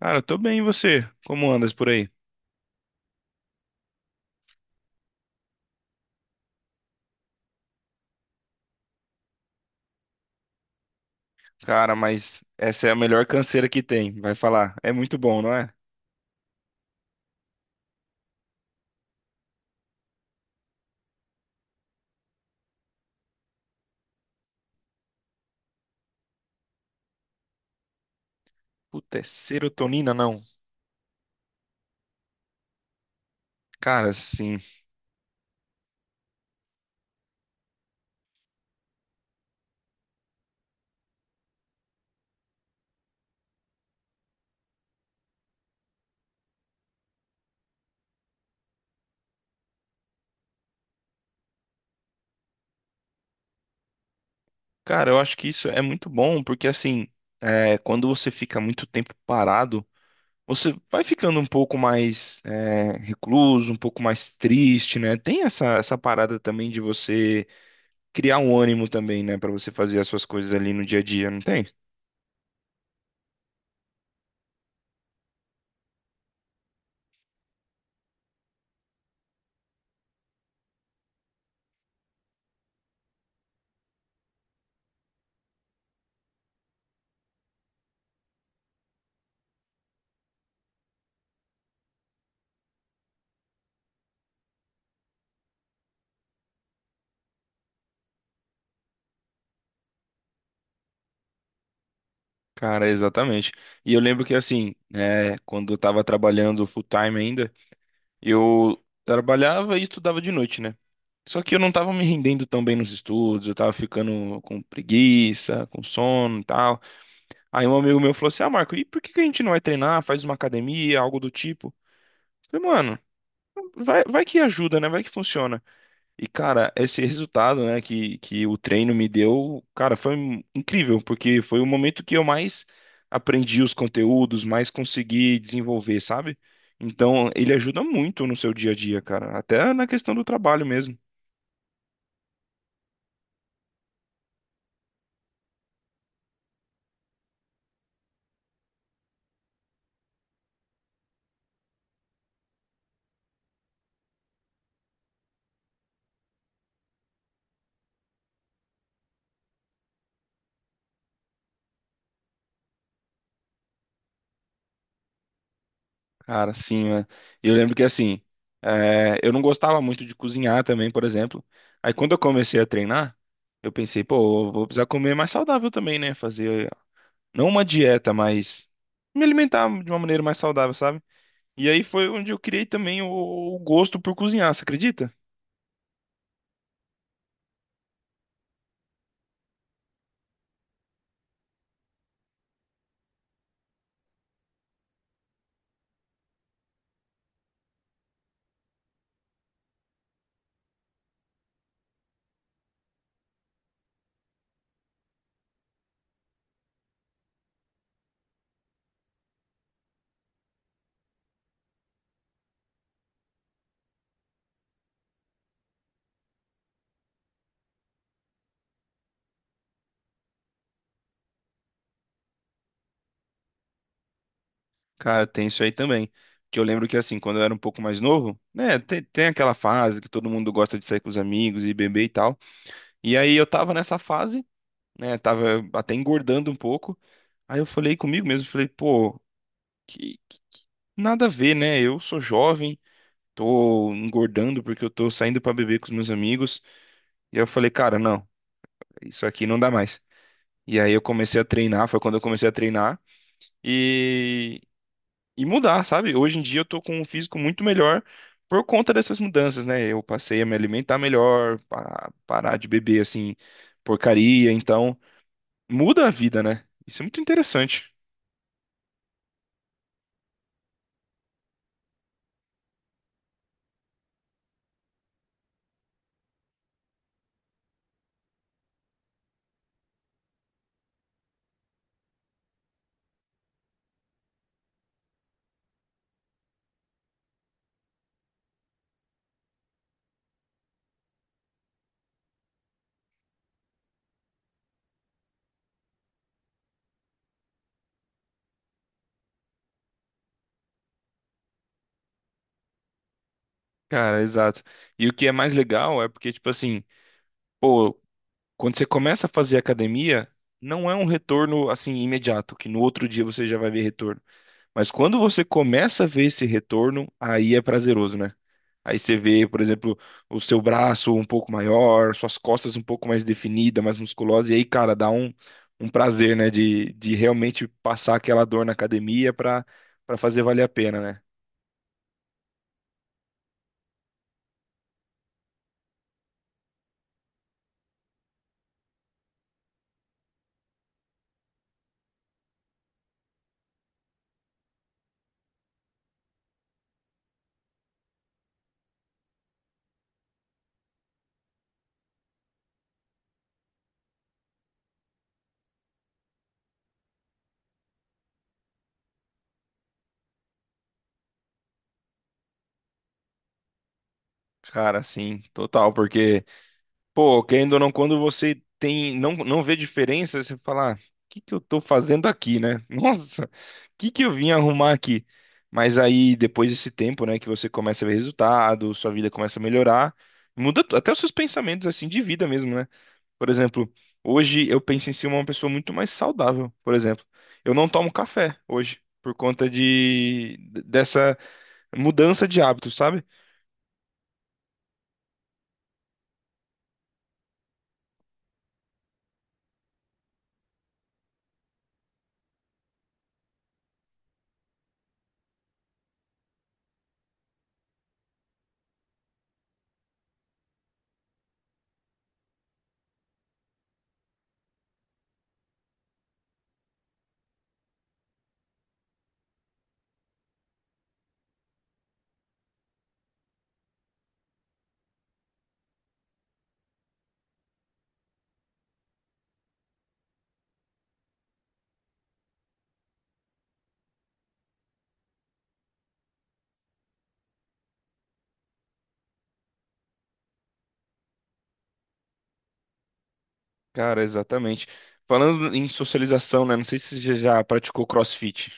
Cara, eu tô bem, e você? Como andas por aí? Cara, mas essa é a melhor canseira que tem, vai falar. É muito bom, não é? Puta, é serotonina, não? Cara, sim. Cara, eu acho que isso é muito bom, porque assim, quando você fica muito tempo parado, você vai ficando um pouco mais recluso, um pouco mais triste, né? Tem essa parada também de você criar um ânimo também, né, pra você fazer as suas coisas ali no dia a dia, não tem? Cara, exatamente. E eu lembro que assim, né, quando eu tava trabalhando full time ainda, eu trabalhava e estudava de noite, né? Só que eu não tava me rendendo tão bem nos estudos, eu tava ficando com preguiça, com sono e tal. Aí um amigo meu falou assim: "Ah, Marco, e por que que a gente não vai treinar, faz uma academia, algo do tipo?" Eu falei, mano, vai que ajuda, né? Vai que funciona. E, cara, esse resultado, né, que o treino me deu, cara, incrível, porque foi o momento que eu mais aprendi os conteúdos, mais consegui desenvolver, sabe? Então, ele ajuda muito no seu dia a dia, cara, até na questão do trabalho mesmo. Cara, sim, né? Eu lembro que, assim, eu não gostava muito de cozinhar também, por exemplo. Aí, quando eu comecei a treinar, eu pensei, pô, eu vou precisar comer mais saudável também, né? Fazer, não uma dieta, mas me alimentar de uma maneira mais saudável, sabe? E aí foi onde eu criei também o gosto por cozinhar, você acredita? Cara, tem isso aí também. Que eu lembro que assim, quando eu era um pouco mais novo, né, tem aquela fase que todo mundo gosta de sair com os amigos e beber e tal. E aí eu tava nessa fase, né, tava até engordando um pouco. Aí eu falei comigo mesmo, falei, pô, que, que- que- nada a ver, né? Eu sou jovem, tô engordando porque eu tô saindo pra beber com os meus amigos. E aí eu falei, cara, não, isso aqui não dá mais. E aí eu comecei a treinar, foi quando eu comecei a treinar. e, e mudar, sabe? Hoje em dia eu tô com um físico muito melhor por conta dessas mudanças, né? Eu passei a me alimentar melhor, parar de beber assim, porcaria, então muda a vida, né? Isso é muito interessante. Cara, exato. E o que é mais legal é porque, tipo assim, pô, quando você começa a fazer academia, não é um retorno assim imediato, que no outro dia você já vai ver retorno. Mas quando você começa a ver esse retorno, aí é prazeroso, né? Aí você vê, por exemplo, o seu braço um pouco maior, suas costas um pouco mais definida, mais musculosa, e aí, cara, um prazer, né, de realmente passar aquela dor na academia pra, pra fazer valer a pena, né? Cara, sim, total, porque. Pô, querendo ou não, quando você tem, não, não vê diferença, você fala, ah, o que que eu tô fazendo aqui, né? Nossa, o que que eu vim arrumar aqui? Mas aí, depois desse tempo, né, que você começa a ver resultado, sua vida começa a melhorar, até os seus pensamentos, assim, de vida mesmo, né? Por exemplo, hoje eu penso em ser uma pessoa muito mais saudável, por exemplo. Eu não tomo café hoje, por conta de, dessa mudança de hábito, sabe? Cara, exatamente. Falando em socialização, né? Não sei se você já praticou CrossFit.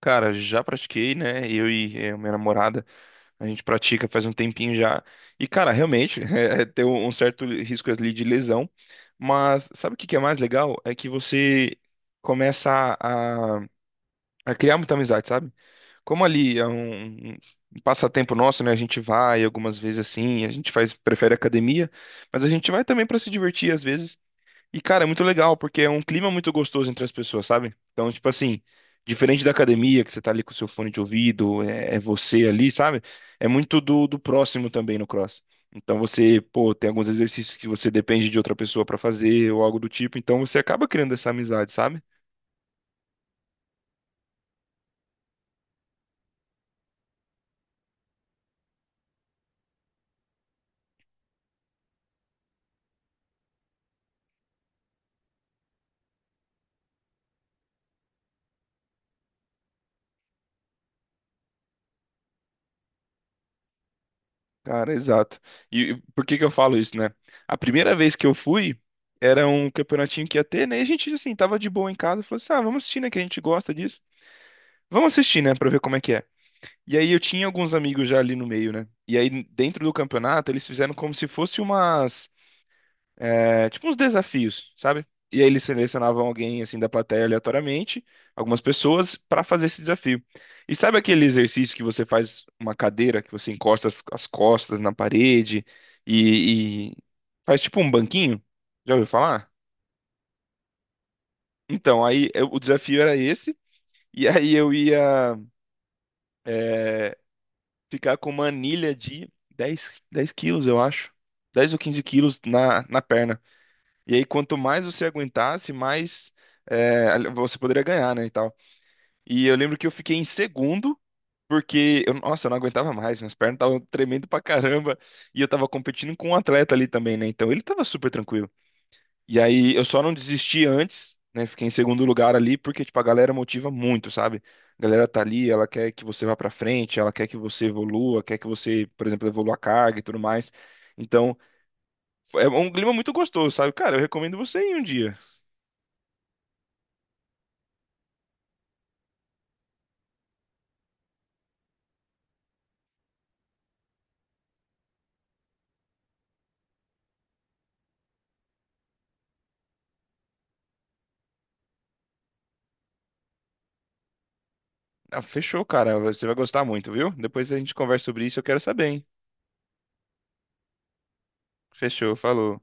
Cara, já pratiquei, né? Eu e minha namorada, a gente pratica faz um tempinho já. E, cara, realmente, tem um certo risco ali de lesão. Mas sabe o que que é mais legal? É que você começa a, a- a criar muita amizade, sabe? Como ali é um passatempo nosso, né? A gente vai algumas vezes assim, a gente faz, prefere academia, mas a gente vai também para se divertir às vezes. E, cara, é muito legal, porque é um clima muito gostoso entre as pessoas, sabe? Então, tipo assim, diferente da academia, que você tá ali com o seu fone de ouvido, é você ali, sabe? É muito do próximo também no cross. Então, você, pô, tem alguns exercícios que você depende de outra pessoa pra fazer ou algo do tipo, então você acaba criando essa amizade, sabe? Cara, exato. E por que que eu falo isso, né? A primeira vez que eu fui, era um campeonatinho que ia ter, né? E a gente, assim, tava de boa em casa, falou assim, ah, vamos assistir, né? Que a gente gosta disso. Vamos assistir, né? Pra ver como é que é. E aí eu tinha alguns amigos já ali no meio, né? E aí dentro do campeonato eles fizeram como se fosse umas, tipo uns desafios, sabe? E aí eles selecionavam alguém assim da plateia aleatoriamente, algumas pessoas pra fazer esse desafio. E sabe aquele exercício que você faz uma cadeira, que você encosta as costas na parede e faz tipo um banquinho? Já ouviu falar? Então, o desafio era esse. E aí eu ia eh, ficar com uma anilha de dez kg, eu acho. 10 ou 15 kg na perna. E aí, quanto mais você aguentasse, mais você poderia ganhar, né, e tal. E eu lembro que eu fiquei em segundo, porque, eu, nossa, eu não aguentava mais, minhas pernas estavam tremendo pra caramba. E eu tava competindo com um atleta ali também, né, então ele tava super tranquilo. E aí eu só não desisti antes, né? Fiquei em segundo lugar ali, porque, tipo, a galera motiva muito, sabe? A galera tá ali, ela quer que você vá pra frente, ela quer que você evolua, quer que você, por exemplo, evolua a carga e tudo mais. Então, é um clima muito gostoso, sabe? Cara, eu recomendo você ir um dia. Ah, fechou, cara. Você vai gostar muito, viu? Depois a gente conversa sobre isso, eu quero saber, hein? Fechou, falou.